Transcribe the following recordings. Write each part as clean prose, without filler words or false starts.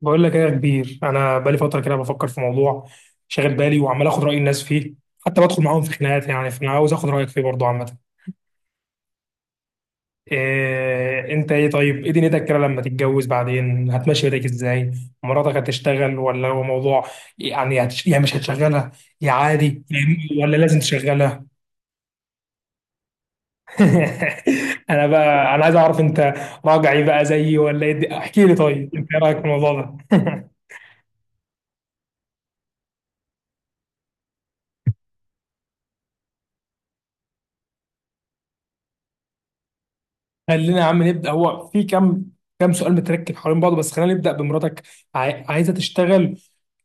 بقول لك ايه يا كبير؟ انا بقالي فتره كده بفكر في موضوع شاغل بالي، وعمال اخد راي الناس فيه، حتى بدخل معاهم في خناقات يعني. فانا عاوز اخد رايك فيه برضه عامه. إيه انت؟ ايه طيب، ايه دنيتك كده لما تتجوز؟ بعدين هتمشي بيتك ازاي؟ مراتك هتشتغل، ولا هو موضوع يعني يعني مش هتشغلها، يا عادي؟ فاهمني؟ ولا لازم تشغلها؟ انا عايز اعرف انت راجعي بقى زيي ولا ايه. احكي لي، طيب انت ايه رايك في الموضوع ده؟ خلينا يا عم نبدا. هو في كام سؤال متركب حوالين بعضه، بس خلينا نبدا بمراتك. عايزه تشتغل،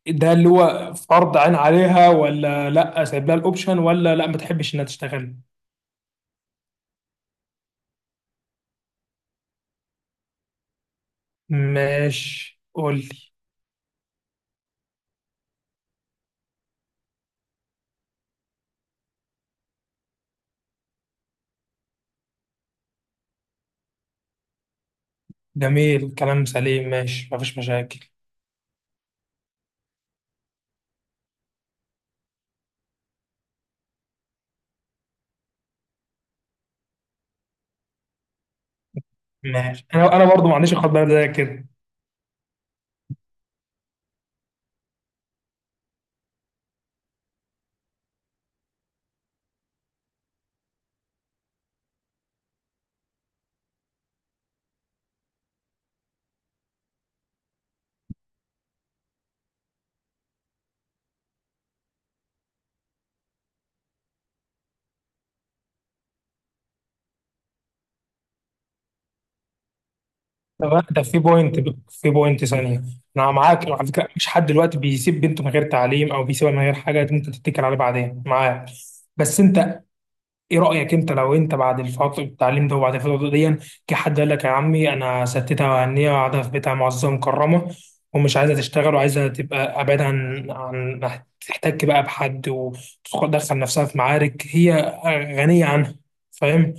ده اللي هو فرض عين عليها، ولا لا سايب لها الاوبشن، ولا لا ما تحبش انها تشتغل؟ ماشي قول لي. جميل، كلام سليم، ماشي، ما فيش مشاكل. ماشي، انا برضه ما عنديش اخد بالي زي كده. طب ده في بوينت، في بوينت ثانيه. انا معاك على فكره، مفيش حد دلوقتي بيسيب بنته من غير تعليم، او بيسيبها من غير حاجه انت تتكل عليه بعدين. معاك، بس انت ايه رأيك انت لو انت بعد الفترة التعليم ده وبعد الفترة دي، كحد قال لك يا عمي انا ستتها وهنية وقاعدة في بيتها معززة مكرمة، ومش عايزة تشتغل، وعايزة تبقى أبعد عن تحتك بقى بحد، وتدخل نفسها في معارك هي غنية عنها. فاهم؟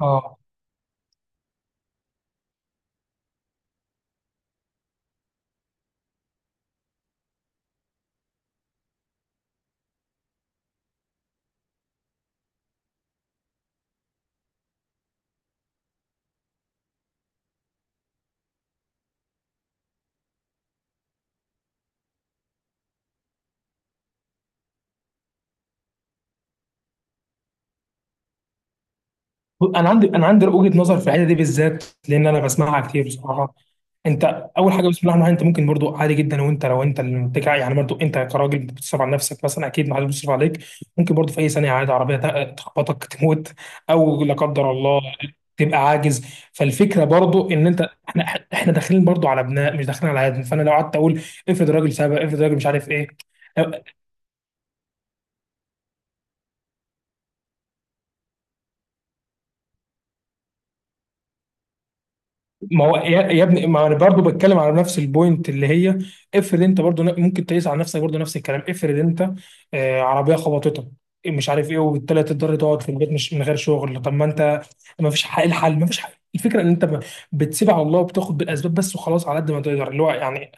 اه، انا عندي وجهه نظر في الحته دي بالذات، لان انا بسمعها كتير بصراحه. انت اول حاجه بسم الله الرحمن الرحيم، انت ممكن برضو عادي جدا، وانت لو انت اللي بتجع يعني، برضو انت كراجل بتصرف على نفسك مثلا، اكيد ما حدش بيصرف عليك. ممكن برضو في اي ثانيه عادي عربيه تخبطك تموت، او لا قدر الله تبقى عاجز. فالفكره برضو ان انت، احنا داخلين برضو على ابناء مش داخلين على عادم. فانا لو قعدت اقول افرض راجل سبق، افرض راجل مش عارف ايه. ما هو يا ابني، ما انا برضه بتكلم على نفس البوينت اللي هي، افرض انت برضه ممكن تقيس على نفسك برضه نفس الكلام. افرض انت آه، عربيه خبطتك مش عارف ايه، وبالتالي تضطر تقعد في البيت مش من غير شغل. طب ما انت ما فيش حل، الحل ما فيش حل، الفكره ان انت بتسيب على الله وبتاخد بالاسباب بس وخلاص على قد ما تقدر اللي هو يعني.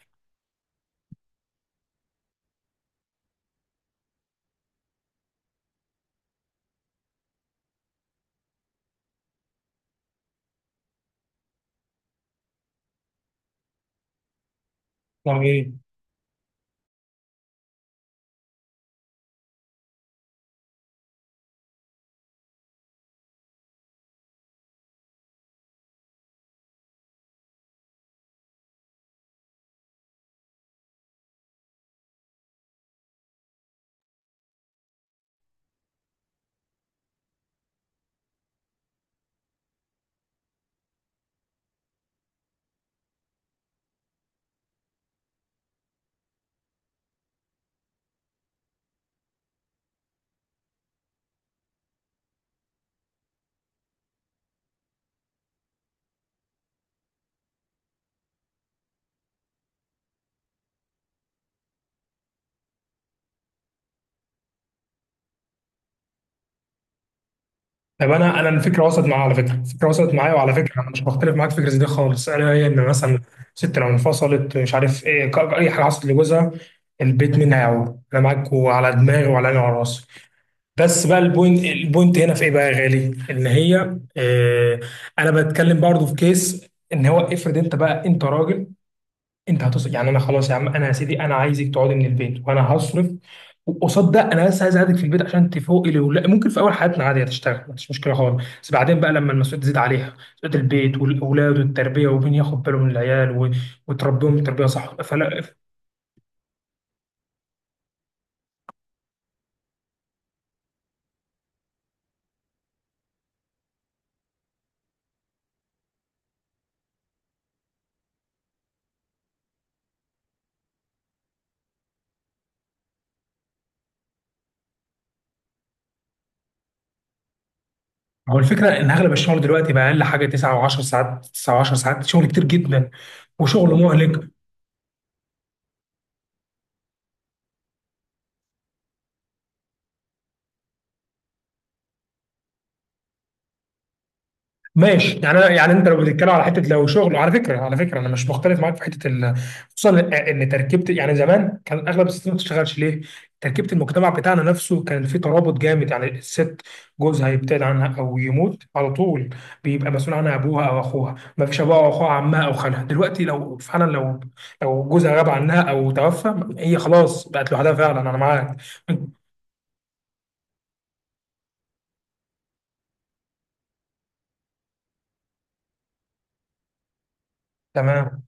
يعني إيه؟ طب انا الفكره وصلت معايا على فكره، الفكره وصلت معايا، وعلى فكره انا مش بختلف معاك في الفكره دي خالص، انا هي ان مثلا ست لو انفصلت مش عارف ايه، اي حاجه حصلت لجوزها، البيت مين هيعوض؟ انا معاك، وعلى دماغي وعلى عيني وعلى راسي. بس بقى البوينت، البوينت هنا في ايه بقى يا غالي، ان هي آه، انا بتكلم برضه في كيس ان هو افرض انت بقى انت راجل، انت هتصرف يعني. انا خلاص يا عم، انا يا سيدي انا عايزك تقعدي من البيت وانا هصرف. وقصاد ده انا بس عايز اقعدك في البيت عشان تفوقي لي، ولا ممكن في اول حياتنا عادي هتشتغل ما فيش مشكله خالص، بس بعدين بقى لما المسؤوليه تزيد عليها، مسؤوليه البيت والاولاد والتربيه، ومين ياخد باله من العيال وتربيهم تربيه صح، فلا. هو الفكره ان اغلب الشغل دلوقتي بقى اقل حاجه 9 و10 ساعات، 9 و10 ساعات شغل كتير جدا، وشغل مهلك. ماشي يعني انا، يعني انت لو بتتكلم على حته، لو شغل على فكره، على فكره انا مش مختلف معاك في حته خصوصا ان إن تركيبه يعني زمان كان اغلب الستات ما بتشتغلش. ليه؟ تركيبه المجتمع بتاعنا نفسه كان فيه ترابط جامد، يعني الست جوزها يبتعد عنها او يموت على طول، بيبقى مسؤول عنها ابوها او اخوها، ما فيش ابوها او اخوها، عمها او خالها. دلوقتي لو فعلا، لو جوزها غاب عنها او توفى، هي خلاص بقت لوحدها فعلا. انا معاك، تمام.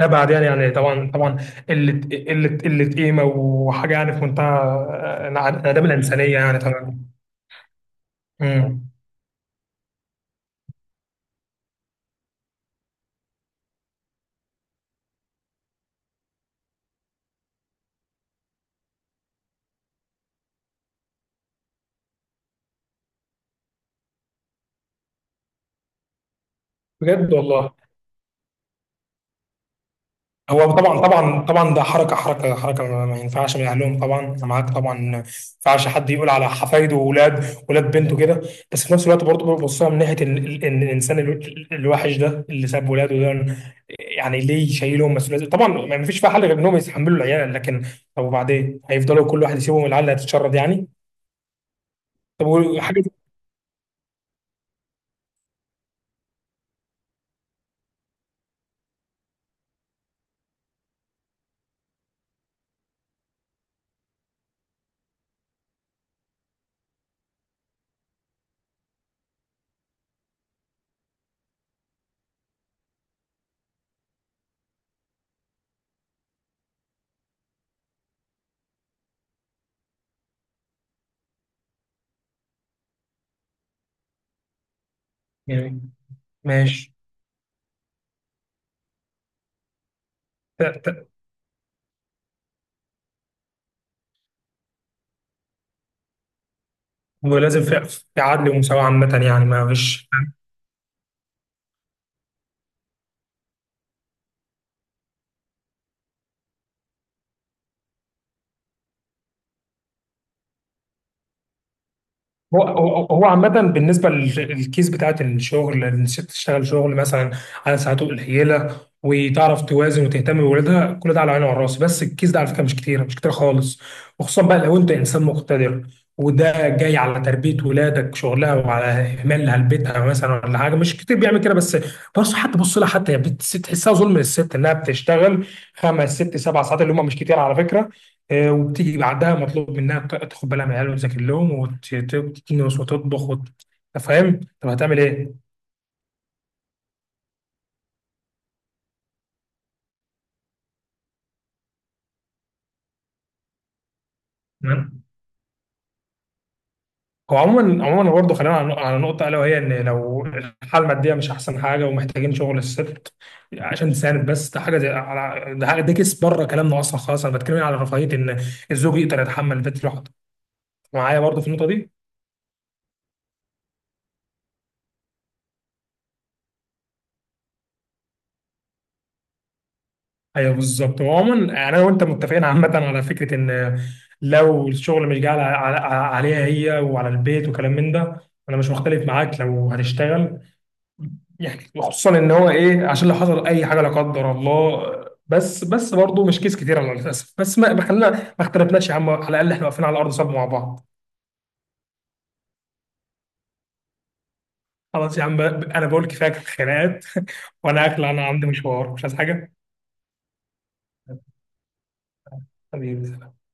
ابعد يعني، يعني طبعا طبعا. قله، قله قيمه وحاجه يعني في منتهى انعدام الانسانيه يعني طبعا. امم. بجد والله. هو طبعا طبعا طبعا ده حركه حركه حركه، ما ينفعش من اهلهم طبعا، انا معاك طبعا ما ينفعش حد يقول على حفايده واولاد ولاد بنته كده. بس في نفس الوقت برضه ببصها من ناحيه ان الانسان الوحش ده اللي ساب ولاده ده يعني ليه شايلهم مسؤوليه، طبعا ما فيش فيها حل غير انهم يتحملوا العيال، لكن طب وبعدين هيفضلوا كل واحد يسيبهم العيال اللي هتتشرد يعني. طب وحاجة يعني ماشي ت- ت- ولازم في في عدل ومساواة عامة، يعني ما فيش. هو عامة بالنسبة للكيس بتاعت الشغل، إن الست تشتغل شغل مثلا على ساعاته قليلة، وتعرف توازن وتهتم بولادها، كل ده على عيني وعلى راسي. بس الكيس ده على فكرة مش كتير، مش كتير خالص. وخصوصا بقى لو أنت إنسان مقتدر، وده جاي على تربية ولادك شغلها وعلى إهمالها لبيتها مثلا ولا حاجة، مش كتير بيعمل كده. بس بص، حتى بص لها، حتى هي تحسها ظلم للست إنها بتشتغل خمس ست سبع ساعات اللي هم مش كتير على فكرة. آه، وبتيجي بعدها مطلوب منها تاخد بالها من العيال، وتذاكر لهم، وتكنس، وتطبخ، أنت فاهم؟ طب هتعمل ايه؟ تمام؟ هو عموما برضه خلينا على على نقطه الا وهي ان لو الحاله الماديه مش احسن حاجه ومحتاجين شغل الست عشان تساند، بس ده حاجه زي على، ده حاجه ده كيس بره كلامنا اصلا خالص. انا بتكلم على رفاهيه ان الزوج يقدر يتحمل البيت لوحده، معايا برضه في النقطه دي. ايوه بالظبط. وعموما يعني انا وانت متفقين عامه على فكره ان لو الشغل مش جاي عليها هي وعلى البيت وكلام من ده، انا مش مختلف معاك لو هتشتغل يعني. وخصوصا ان هو ايه، عشان لو حصل اي حاجه لا قدر الله. بس برضه مش كيس كتير على الاسف، بس ما خلينا ما اختلفناش يا عم، على الاقل احنا واقفين على ارض صلب مع بعض. خلاص يا عم انا بقول كفايه خناقات وانا اخلع، انا عندي مشوار مش عايز حاجه. حبيبي.